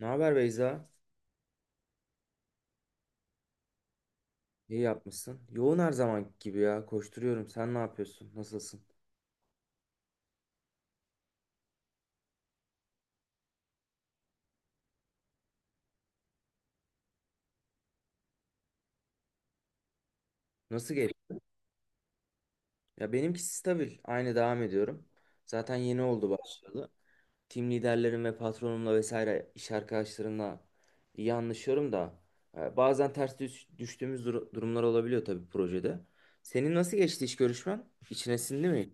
Ne haber Beyza? İyi yapmışsın. Yoğun her zaman gibi ya. Koşturuyorum. Sen ne yapıyorsun? Nasılsın? Nasıl geçti? Ya benimkisi stabil. Aynı devam ediyorum. Zaten yeni oldu başladı. Team liderlerim ve patronumla vesaire iş arkadaşlarımla iyi anlaşıyorum da bazen ters düştüğümüz durumlar olabiliyor tabii projede. Senin nasıl geçti iş görüşmen? İçine sindi mi?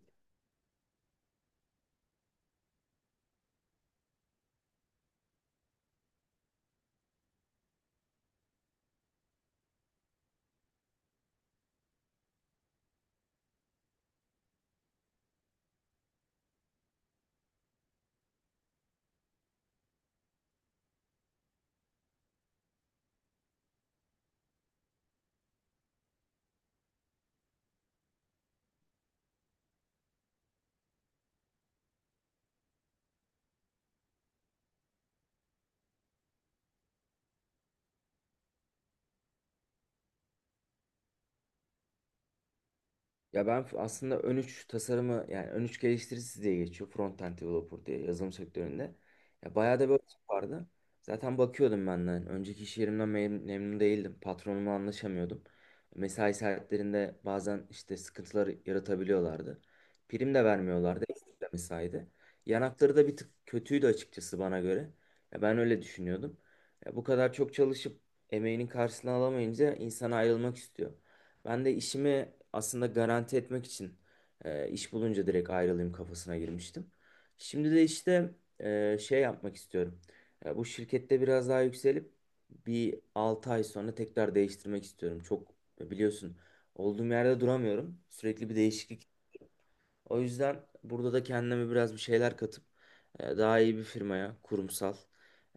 Aslında ön üç tasarımı yani ön üç geliştiricisi diye geçiyor. Front-end developer diye yazılım sektöründe. Ya bayağı da böyle tip vardı. Zaten bakıyordum ben de, hani önceki iş yerimden memnun değildim. Patronumla anlaşamıyordum. Mesai saatlerinde bazen işte sıkıntılar yaratabiliyorlardı. Prim de vermiyorlardı. Ekstra mesaiydi. Yanakları da bir tık kötüydü açıkçası bana göre. Ya ben öyle düşünüyordum. Ya bu kadar çok çalışıp emeğinin karşılığını alamayınca insan ayrılmak istiyor. Ben de işimi aslında garanti etmek için iş bulunca direkt ayrılayım kafasına girmiştim. Şimdi de işte şey yapmak istiyorum. Bu şirkette biraz daha yükselip bir 6 ay sonra tekrar değiştirmek istiyorum. Çok biliyorsun, olduğum yerde duramıyorum. Sürekli bir değişiklik, o yüzden burada da kendime biraz bir şeyler katıp daha iyi bir firmaya, kurumsal,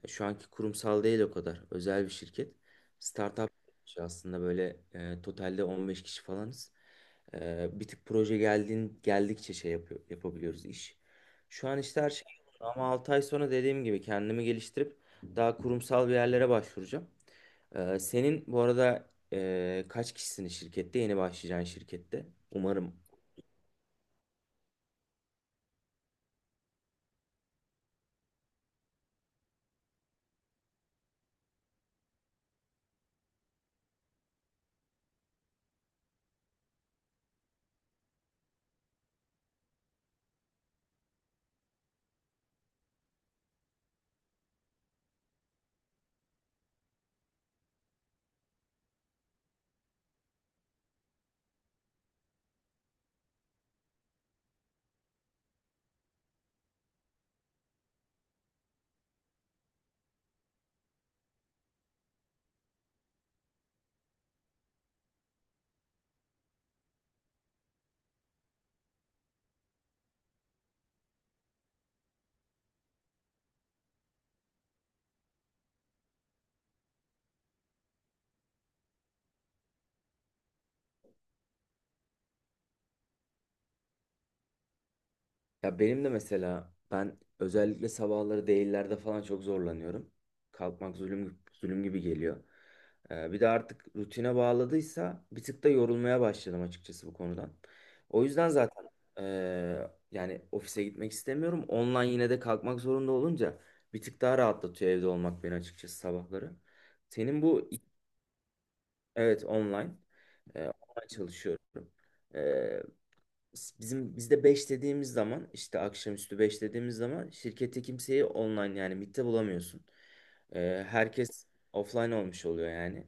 şu anki kurumsal değil o kadar, özel bir şirket. Startup aslında, böyle totalde 15 kişi falanız. Bir tık proje geldikçe şey yapıyor, yapabiliyoruz iş. Şu an işte her şey yolunda ama 6 ay sonra dediğim gibi kendimi geliştirip daha kurumsal bir yerlere başvuracağım. Senin bu arada kaç kişisin şirkette? Yeni başlayacağın şirkette. Umarım. Ya benim de mesela ben özellikle sabahları değillerde falan çok zorlanıyorum. Kalkmak zulüm gibi geliyor. Bir de artık rutine bağladıysa bir tık da yorulmaya başladım açıkçası bu konudan. O yüzden zaten yani ofise gitmek istemiyorum. Online yine de kalkmak zorunda olunca bir tık daha rahatlatıyor evde olmak beni açıkçası sabahları. Senin bu evet online. Online çalışıyorum. Bizde 5 dediğimiz zaman, işte akşamüstü 5 dediğimiz zaman şirkette kimseyi online yani mitte bulamıyorsun. Herkes offline olmuş oluyor yani.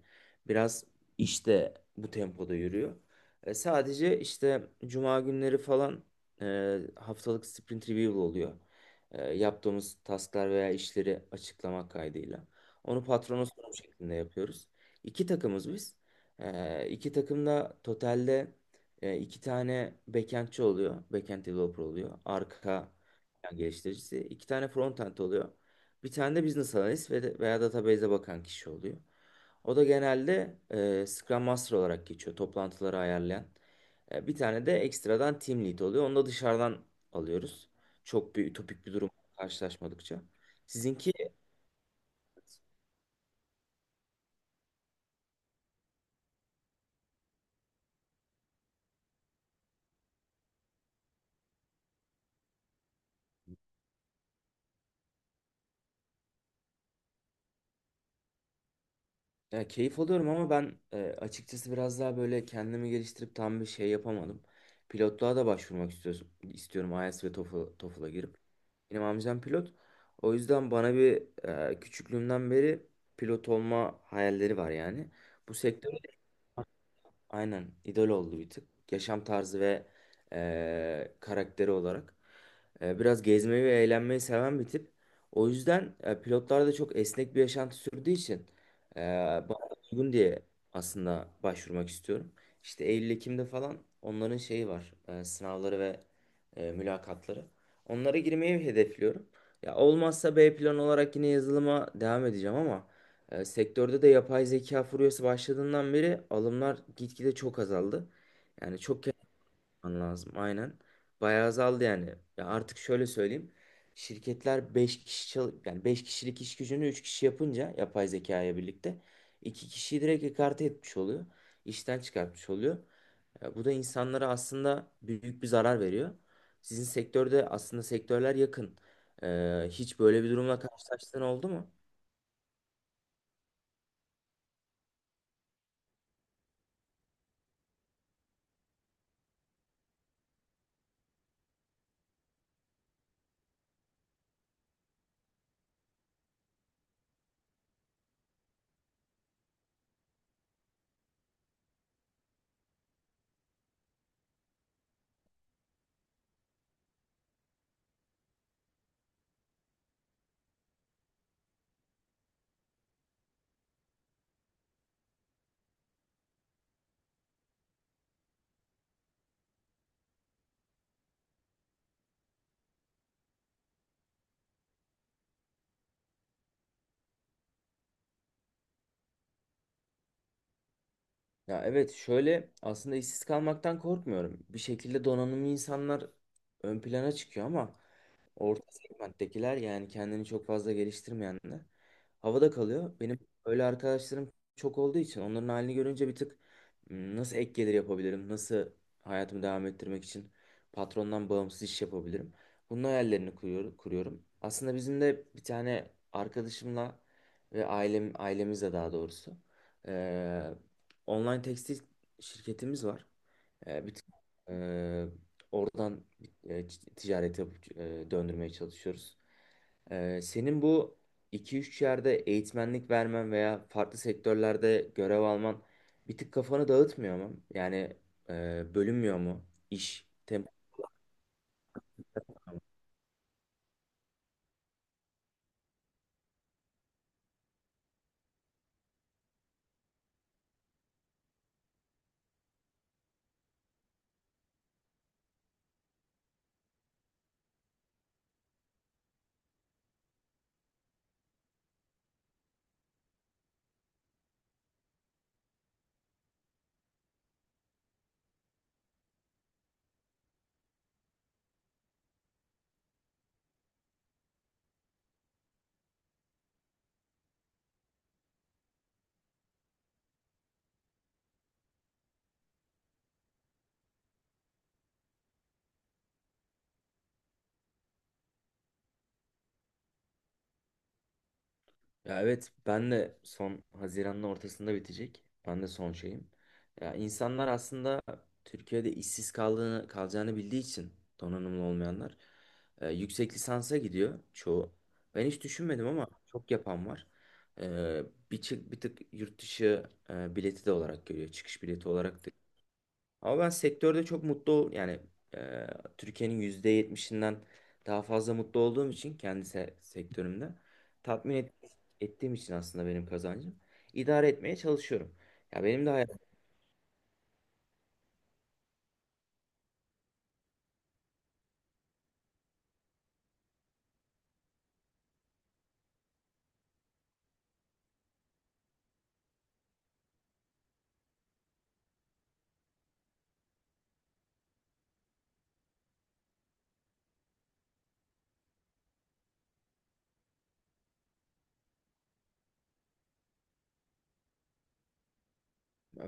Biraz işte bu tempoda yürüyor. Sadece işte cuma günleri falan haftalık sprint review oluyor. Yaptığımız tasklar veya işleri açıklamak kaydıyla. Onu patrona sunum şeklinde yapıyoruz. İki takımız biz. İki takım da totalde iki tane backendçi oluyor. Backend developer oluyor. Arka plan geliştiricisi. İki tane frontend oluyor. Bir tane de business analyst veya database'e bakan kişi oluyor. O da genelde Scrum Master olarak geçiyor. Toplantıları ayarlayan. Bir tane de ekstradan team lead oluyor. Onu da dışarıdan alıyoruz. Çok bir ütopik bir durum karşılaşmadıkça. Sizinki. Ya keyif alıyorum ama ben açıkçası biraz daha böyle kendimi geliştirip tam bir şey yapamadım. Pilotluğa da başvurmak istiyorum, IELTS ve TOEFL'a girip. Benim amcam pilot. O yüzden bana bir, küçüklüğümden beri pilot olma hayalleri var yani. Bu sektör aynen idol oldu bir tık. Yaşam tarzı ve karakteri olarak. Biraz gezmeyi ve eğlenmeyi seven bir tip. O yüzden pilotlar da çok esnek bir yaşantı sürdüğü için bana uygun diye aslında başvurmak istiyorum. İşte Eylül-Ekim'de falan onların şeyi var. Sınavları ve mülakatları. Onlara girmeyi hedefliyorum. Ya olmazsa B plan olarak yine yazılıma devam edeceğim ama sektörde de yapay zeka furyası başladığından beri alımlar gitgide çok azaldı. Yani çok kere yapman lazım aynen. Bayağı azaldı yani. Ya artık şöyle söyleyeyim. Şirketler yani 5 kişilik iş gücünü 3 kişi yapınca yapay zekaya birlikte 2 kişiyi direkt ekarte etmiş oluyor. İşten çıkartmış oluyor. Ya bu da insanlara aslında büyük bir zarar veriyor. Sizin sektörde aslında sektörler yakın. Hiç böyle bir durumla karşılaştığın oldu mu? Ya evet, şöyle, aslında işsiz kalmaktan korkmuyorum. Bir şekilde donanımlı insanlar ön plana çıkıyor ama orta segmenttekiler yani kendini çok fazla geliştirmeyenler havada kalıyor. Benim öyle arkadaşlarım çok olduğu için onların halini görünce bir tık, "Hmm, nasıl ek gelir yapabilirim, nasıl hayatımı devam ettirmek için patrondan bağımsız iş yapabilirim." Bunun hayallerini kuruyorum. Aslında bizim de bir tane arkadaşımla ve ailemizle daha doğrusu eee, online tekstil şirketimiz var. Bir eee, oradan ticaret yapıp döndürmeye çalışıyoruz. Senin bu iki üç yerde eğitmenlik vermen veya farklı sektörlerde görev alman bir tık kafanı dağıtmıyor mu? Yani bölünmüyor mu iş. Ya evet ben de son Haziran'ın ortasında bitecek. Ben de son şeyim. Ya insanlar aslında Türkiye'de işsiz kaldığını, kalacağını bildiği için donanımlı olmayanlar yüksek lisansa gidiyor çoğu. Ben hiç düşünmedim ama çok yapan var. E, Bir tık yurt dışı bileti de olarak görüyor. Çıkış bileti olarak da, ama ben sektörde çok mutlu ol yani e, Türkiye'nin %70'inden daha fazla mutlu olduğum için kendi sektörümde tatmin et- ettiğim için aslında benim kazancım idare etmeye çalışıyorum. Ya benim de hayatım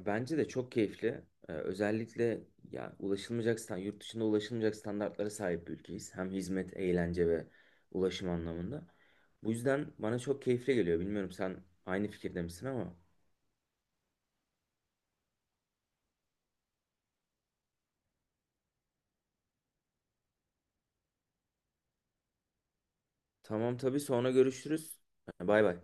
bence de çok keyifli. Özellikle ya yurt dışında ulaşılmayacak standartlara sahip bir ülkeyiz. Hem hizmet, eğlence ve ulaşım anlamında. Bu yüzden bana çok keyifli geliyor. Bilmiyorum sen aynı fikirde misin ama. Tamam tabii, sonra görüşürüz. Bay bay.